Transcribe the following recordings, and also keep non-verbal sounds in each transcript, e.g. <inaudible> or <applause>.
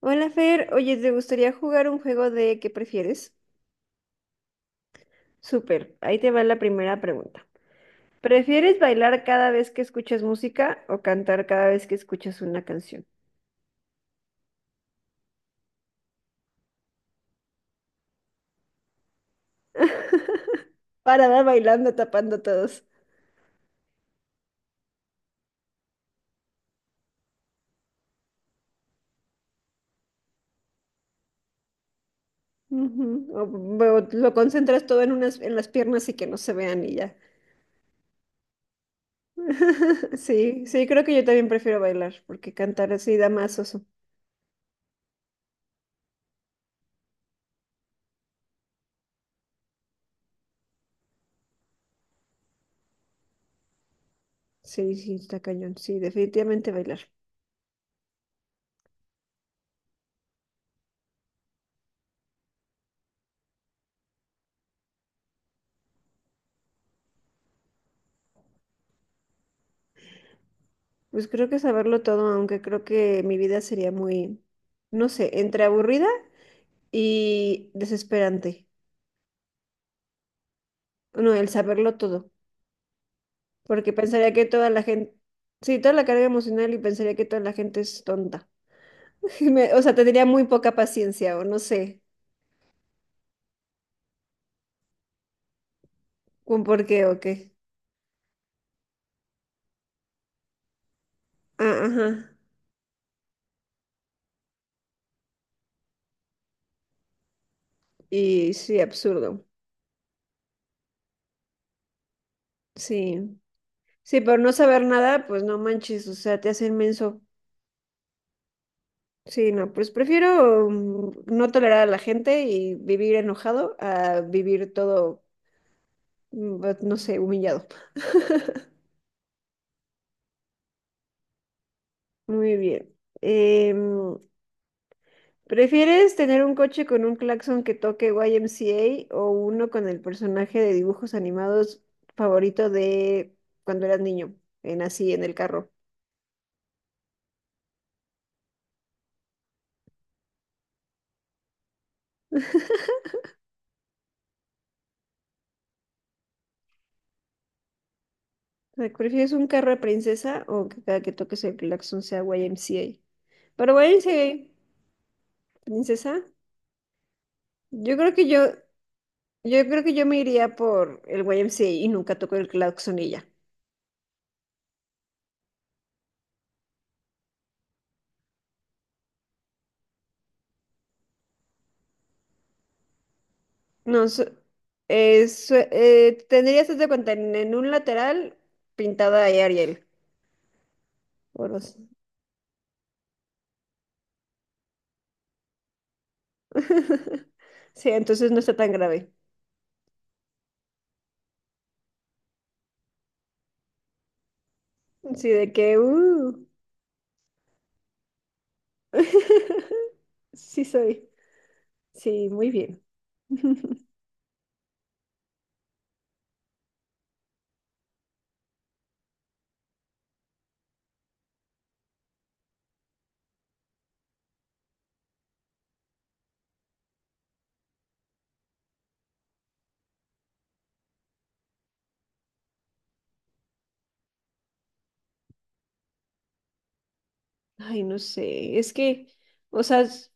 Hola Fer, oye, ¿te gustaría jugar un juego de qué prefieres? Súper, ahí te va la primera pregunta. ¿Prefieres bailar cada vez que escuchas música o cantar cada vez que escuchas una canción? Para dar bailando, tapando todos. Ujú. O lo concentras todo en las piernas y que no se vean y ya. <laughs> Sí, sí, creo que yo también prefiero bailar, porque cantar así da más oso. Sí, sí, está cañón. Sí, definitivamente bailar. Pues creo que saberlo todo, aunque creo que mi vida sería muy, no sé, entre aburrida y desesperante. No, el saberlo todo, porque pensaría que toda la gente, sí, toda la carga emocional y pensaría que toda la gente es tonta. <laughs> Y o sea, tendría muy poca paciencia o no sé, con por qué o qué. Ah, ajá. Y sí, absurdo. Sí. Sí, por no saber nada, pues no manches, o sea, te hace inmenso. Sí, no, pues prefiero no tolerar a la gente y vivir enojado a vivir todo, no sé, humillado. <laughs> Muy bien. Em, ¿Prefieres tener un coche con un claxon que toque YMCA o uno con el personaje de dibujos animados favorito de cuando eras niño, en así, en el carro? O sea, ¿prefieres un carro de princesa o que cada que toques el claxon sea YMCA? Pero YMCA, princesa, yo creo que yo yo creo que yo me iría por el YMCA y nunca toco el claxon y ya. No, sé. Tendrías haz de cuenta en un lateral pintada ahí Ariel. o los- <laughs> Sí, entonces no está tan grave. Sí, de que. <laughs> Sí soy. Sí, muy bien. <laughs> Ay, no sé, es que, o sea,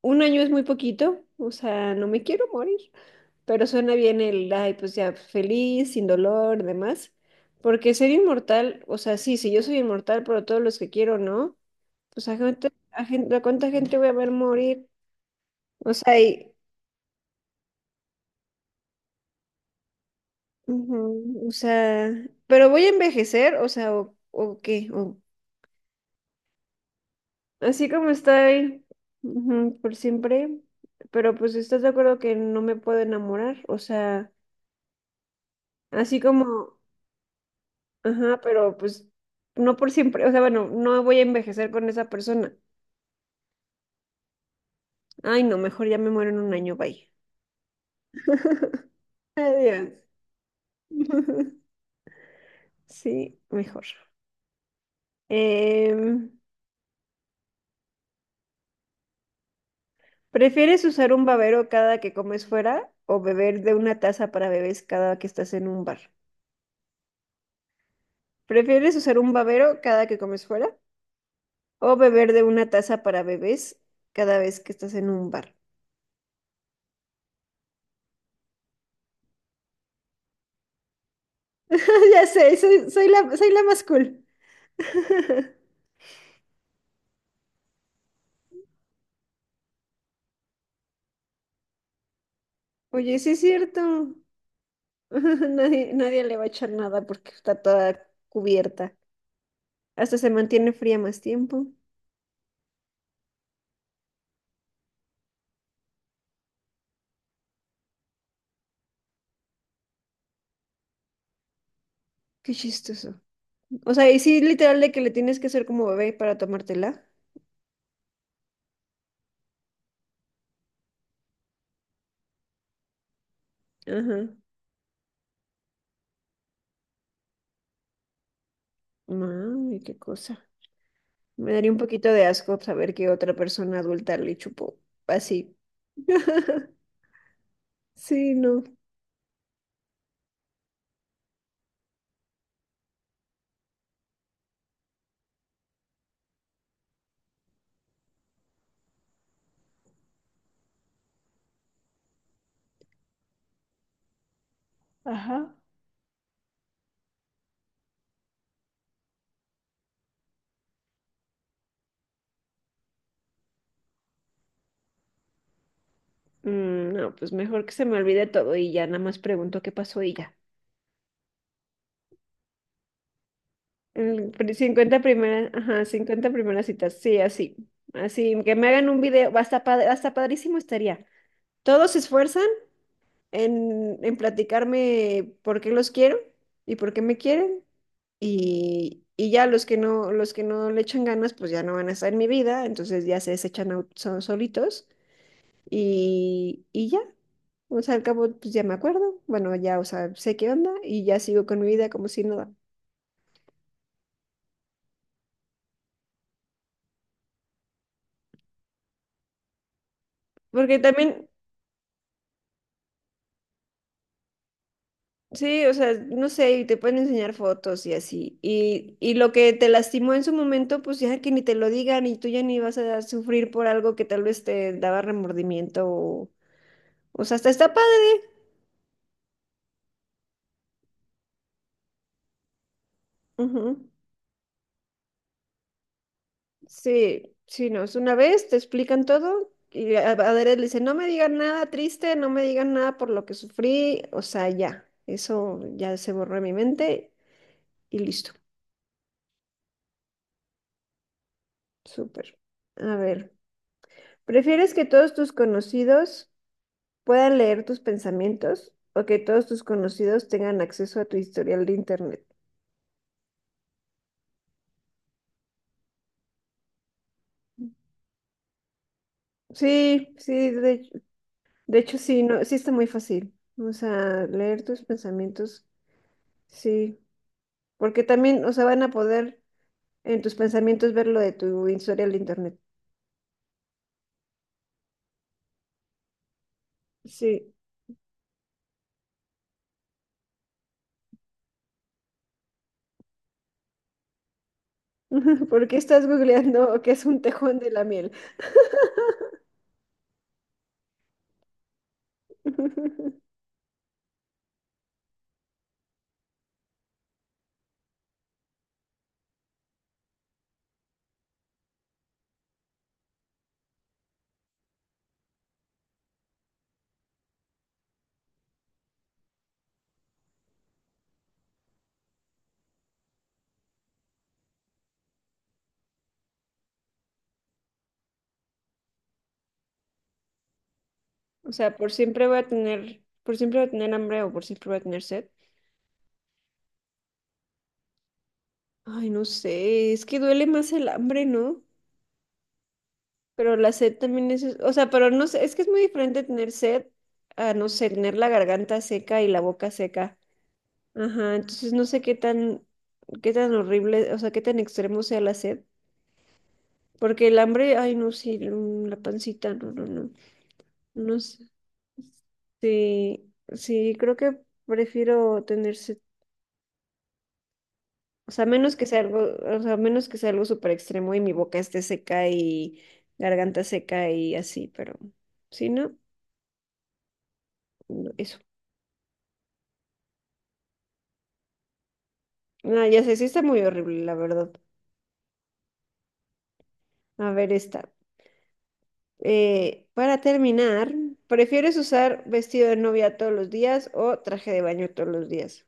un año es muy poquito, o sea, no me quiero morir. Pero suena bien el, ay, pues ya, feliz, sin dolor, demás. Porque ser inmortal, o sea, sí, sí, yo soy inmortal, pero todos los que quiero, ¿no? Pues ¿a cuánta gente voy a ver morir? O sea, y, ujú, o sea, pero voy a envejecer, o sea, o qué, así como estoy, ujú, por siempre, pero pues estás de acuerdo que no me puedo enamorar, o sea, así como, ajá, pero pues no por siempre, o sea, bueno, no voy a envejecer con esa persona. Ay, no, mejor ya me muero en un año, bye. <laughs> Adiós. <laughs> Sí, mejor. Em, ¿Prefieres usar un babero cada que comes fuera o beber de una taza para bebés cada que estás en un bar? ¿Prefieres usar un babero cada que comes fuera o beber de una taza para bebés cada vez que estás en un bar? <laughs> Ya sé, soy la más cool. <laughs> Oye, sí es cierto. <laughs> Nadie, nadie le va a echar nada porque está toda cubierta. Hasta se mantiene fría más tiempo. Qué chistoso. O sea, y sí, literal de que le tienes que hacer como bebé para tomártela. Ajá. Mami, qué cosa. Me daría un poquito de asco saber que otra persona adulta le chupó así. <laughs> Sí, no. Ajá. No, pues mejor que se me olvide todo y ya nada más pregunto qué pasó y ya. 50 primeras, ajá, 50 primeras citas, sí, así, así, que me hagan un video, hasta, hasta padrísimo estaría. Todos se esfuerzan en platicarme por qué los quiero y por qué me quieren y, los que no le echan ganas, pues ya no van a estar en mi vida, entonces ya se desechan solitos y, ya, o sea, al cabo, pues ya me acuerdo, bueno, ya, o sea, sé qué onda y ya sigo con mi vida como si nada. Porque también, sí, o sea, no sé, y te pueden enseñar fotos y así. Y lo que te lastimó en su momento, pues ya que ni te lo digan y tú ya ni vas a sufrir por algo que tal vez te daba remordimiento o sea, hasta está padre. Ujú. Sí, sí, no, es una vez, te explican todo y a Adrián le dice, no me digan nada triste, no me digan nada por lo que sufrí, o sea, ya, eso ya se borró de mi mente y listo, súper. A ver, ¿prefieres que todos tus conocidos puedan leer tus pensamientos o que todos tus conocidos tengan acceso a tu historial de internet? Sí, sí, de hecho sí, no, sí está muy fácil. O sea, leer tus pensamientos, sí, porque también, o sea, van a poder en tus pensamientos ver lo de tu historial de internet. Sí. <laughs> ¿Por qué estás googleando que es un tejón de la miel? <laughs> O sea, por siempre voy a tener hambre o por siempre voy a tener sed. Ay, no sé, es que duele más el hambre, ¿no? Pero la sed también es, o sea, pero no sé, es que es muy diferente tener sed a, no sé, tener la garganta seca y la boca seca. Ajá, entonces no sé qué tan, horrible, o sea, qué tan extremo sea la sed. Porque el hambre, ay, no, sí, la pancita, no, no, no, no sé. Sí, sí, creo que prefiero tener sed. O sea, menos que sea algo, o sea, menos que sea algo súper extremo y mi boca esté seca y garganta seca y así, pero si no, no, eso. No, ya sé, sí está muy horrible, la verdad. A ver, esta. Para terminar, ¿prefieres usar vestido de novia todos los días o traje de baño todos los días?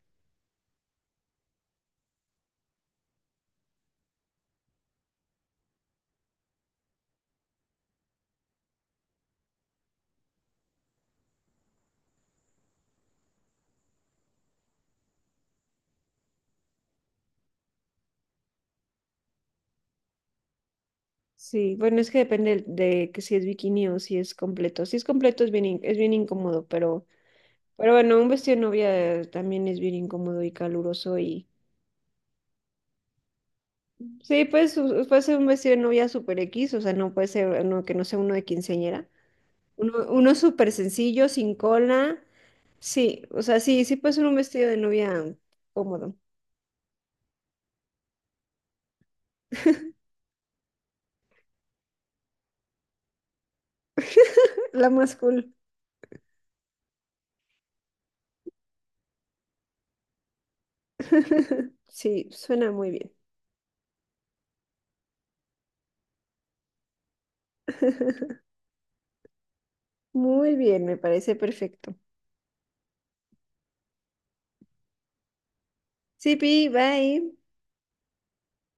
Sí, bueno, es que depende de que si es bikini o si es completo. Si es completo es bien, es bien incómodo, pero, bueno, un vestido de novia también es bien incómodo y caluroso y... Sí, pues puede ser un vestido de novia super X, o sea, no puede ser uno que no sea uno de quinceañera. Uno súper sencillo, sin cola. Sí, o sea, sí, sí puede ser un vestido de novia cómodo. La más cool. <laughs> Sí, suena muy bien. <laughs> Muy bien, me parece perfecto. Sí, Pi, bye.